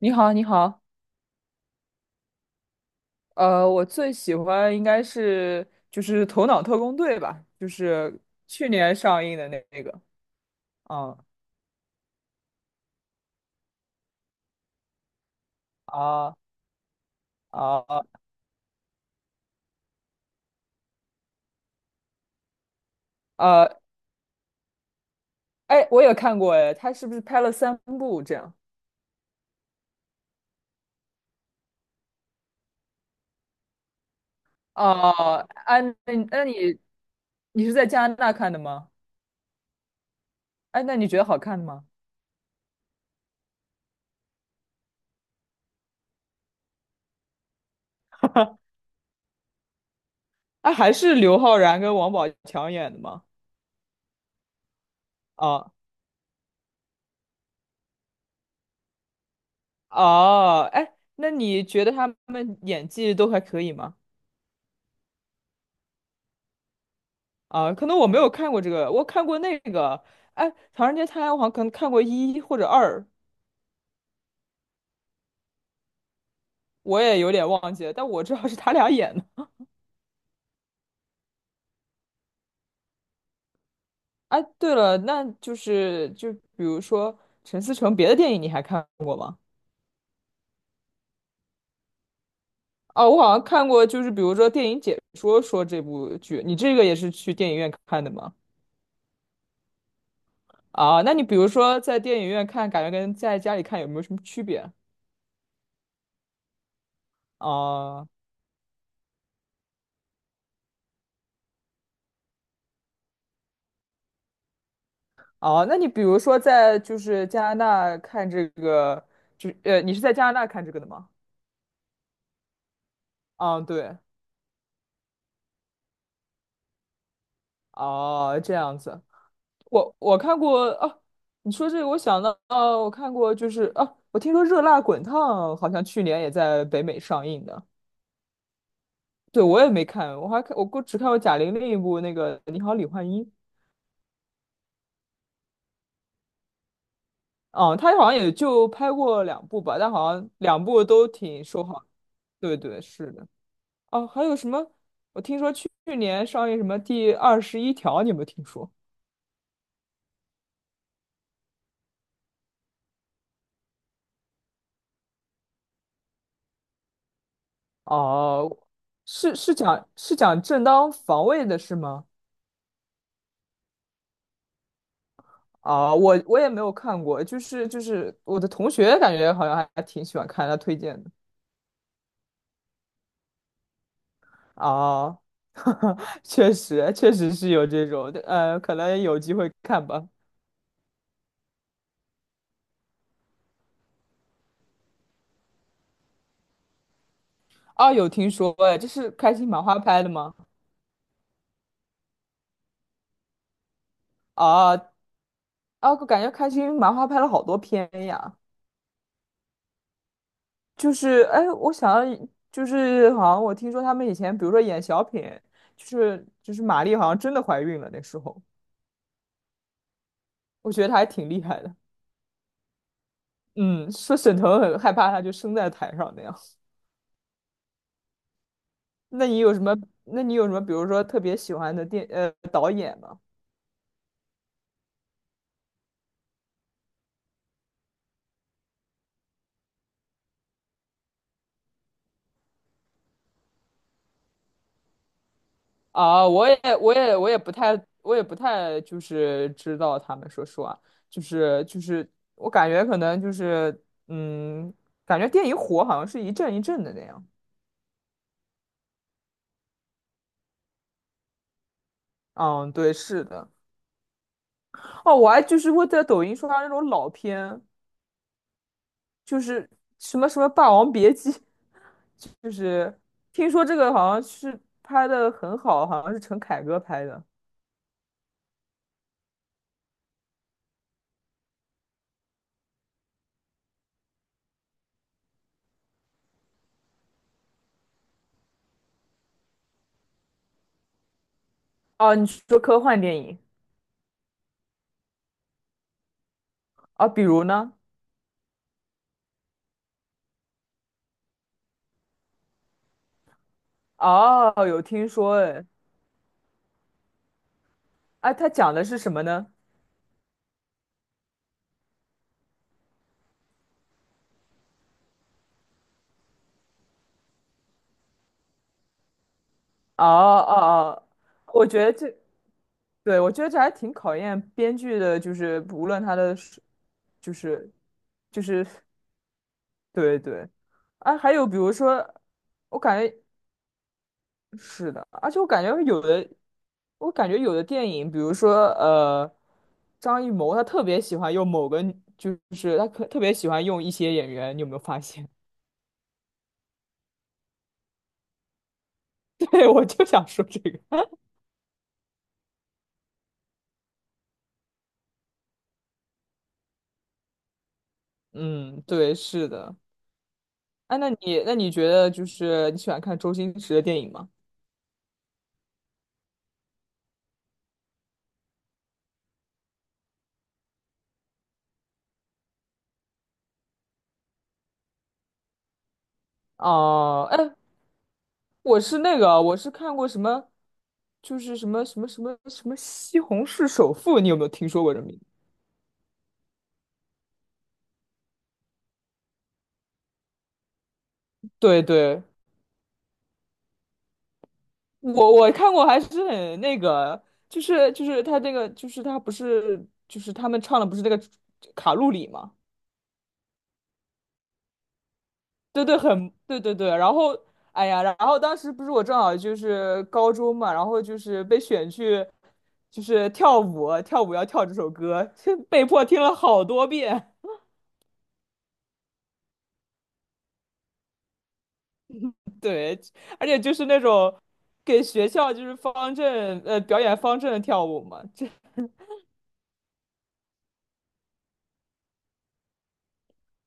你好，你好，我最喜欢应该是就是《头脑特工队》吧，就是去年上映的那个，嗯啊啊啊，哎，我也看过。哎，他是不是拍了3部这样？哦、啊，那你是在加拿大看的吗？哎，那你觉得好看吗？哎，还是刘昊然跟王宝强演的吗？啊哦，哎，那你觉得他们演技都还可以吗？啊，可能我没有看过这个，我看过那个。哎，《唐人街探案》我好像可能看过1或者2，我也有点忘记了，但我知道是他俩演的。哎，对了，那就是比如说陈思诚别的电影你还看过吗？哦，我好像看过，就是比如说电影解说说这部剧，你这个也是去电影院看的吗？啊，那你比如说在电影院看，感觉跟在家里看有没有什么区别？啊？啊哦，那你比如说在就是加拿大看这个，就你是在加拿大看这个的吗？啊，对，哦，这样子，我看过啊。你说这个，我想到，啊，我看过就是啊，我听说《热辣滚烫》好像去年也在北美上映的。对，我也没看，我还看我过只看过贾玲另一部那个《你好，李焕英》。啊，她好像也就拍过两部吧，但好像两部都挺受好。对对是的。哦，还有什么？我听说去年上映什么第21条，你有没有听说？哦，是是讲是讲正当防卫的是吗？啊，我也没有看过，就是我的同学感觉好像还挺喜欢看，他推荐的。啊，确实确实是有这种，可能有机会看吧。啊，有听说哎，这是开心麻花拍的吗？啊，啊，我感觉开心麻花拍了好多片呀。就是哎，我想要就是好像我听说他们以前，比如说演小品，就是马丽好像真的怀孕了那时候，我觉得她还挺厉害的。嗯，说沈腾很害怕她就生在台上那样。那你有什么？那你有什么？比如说特别喜欢的导演吗？啊，我也不太就是知道他们说实话，就是我感觉可能就是嗯，感觉电影火好像是一阵一阵的那样。嗯，对，是的。哦，我还就是会在抖音刷到那种老片，就是什么什么《霸王别姬》，就是听说这个好像是拍的很好，好像是陈凯歌拍的。哦，你说科幻电影啊，比如呢？哦，有听说哎。哎，他讲的是什么呢？哦哦哦，我觉得这，对，我觉得这还挺考验编剧的，就是无论他的是就是，就是，对对。啊，还有比如说，我感觉。是的，而且我感觉有的，我感觉有的电影，比如说张艺谋他特别喜欢用某个，就是他可特别喜欢用一些演员，你有没有发现？对，我就想说这个。嗯，对，是的。哎，那你觉得就是你喜欢看周星驰的电影吗？哦，哎，我是那个，我是看过什么，就是什么《西红柿首富》，你有没有听说过这名字？对对。我我看过，还是很那个，就是就是他这个，就是他不是就是他们唱的不是那个卡路里嘛？对对，很对对对。然后哎呀，然后当时不是我正好就是高中嘛，然后就是被选去就是跳舞，跳舞要跳这首歌，被迫听了好多遍。对，而且就是那种给学校就是表演方阵跳舞嘛，这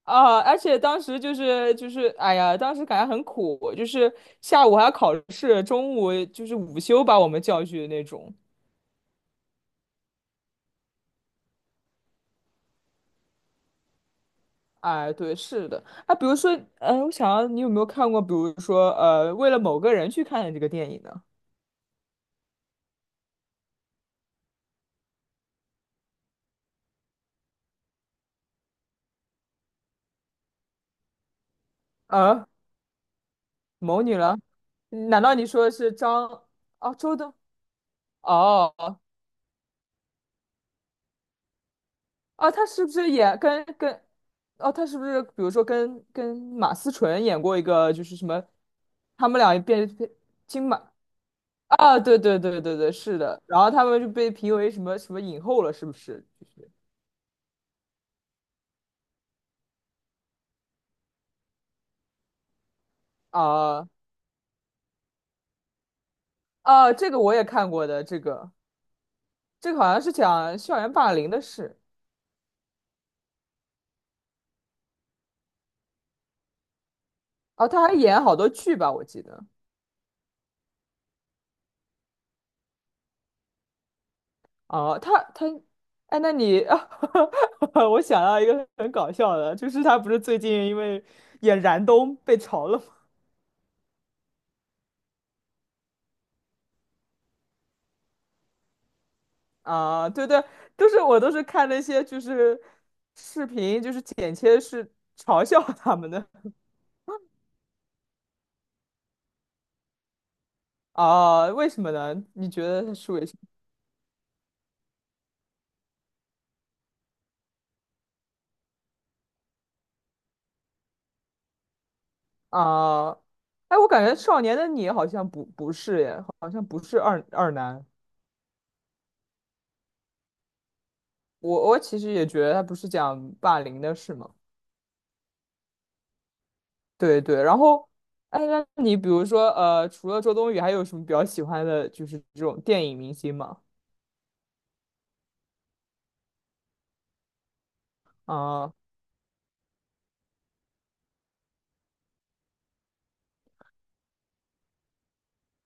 啊，而且当时就是哎呀，当时感觉很苦，就是下午还要考试，中午就是午休把我们叫去的那种。哎，对，是的。啊，比如说，嗯，我想要你有没有看过，比如说，为了某个人去看的这个电影呢？啊，某女郎？难道你说的是张？哦，周冬？哦，啊，她是不是也跟？哦，她是不是比如说跟马思纯演过一个，就是什么？他们俩变金马。啊，对对对对对，是的。然后他们就被评为什么什么影后了，是不是？就是啊啊，这个我也看过的，这个好像是讲校园霸凌的事。啊，他还演好多剧吧，我记得。哦、他，哎，那你，我想到一个很搞笑的，就是他不是最近因为演燃冬被嘲了吗？啊，对对，我都是看那些就是视频，就是剪切是嘲笑他们的。啊，为什么呢？你觉得它是为什么啊？哎，我感觉《少年的你》好像不是耶，好像不是二男。我其实也觉得他不是讲霸凌的事嘛。对对，然后，哎，那你比如说，除了周冬雨，还有什么比较喜欢的，就是这种电影明星吗？啊，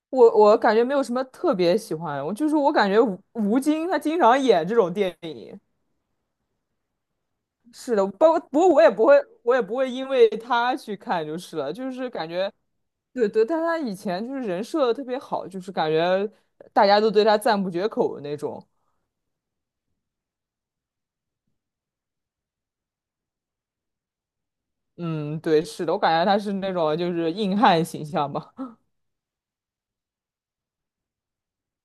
我感觉没有什么特别喜欢，我感觉吴京他经常演这种电影。是的，不过我也不会，我也不会因为他去看就是了，就是感觉，对对，但他以前就是人设特别好，就是感觉大家都对他赞不绝口的那种。嗯，对，是的，我感觉他是那种就是硬汉形象吧。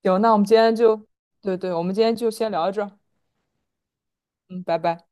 行，那我们今天就，对对，我们今天就先聊到这儿。嗯，拜拜。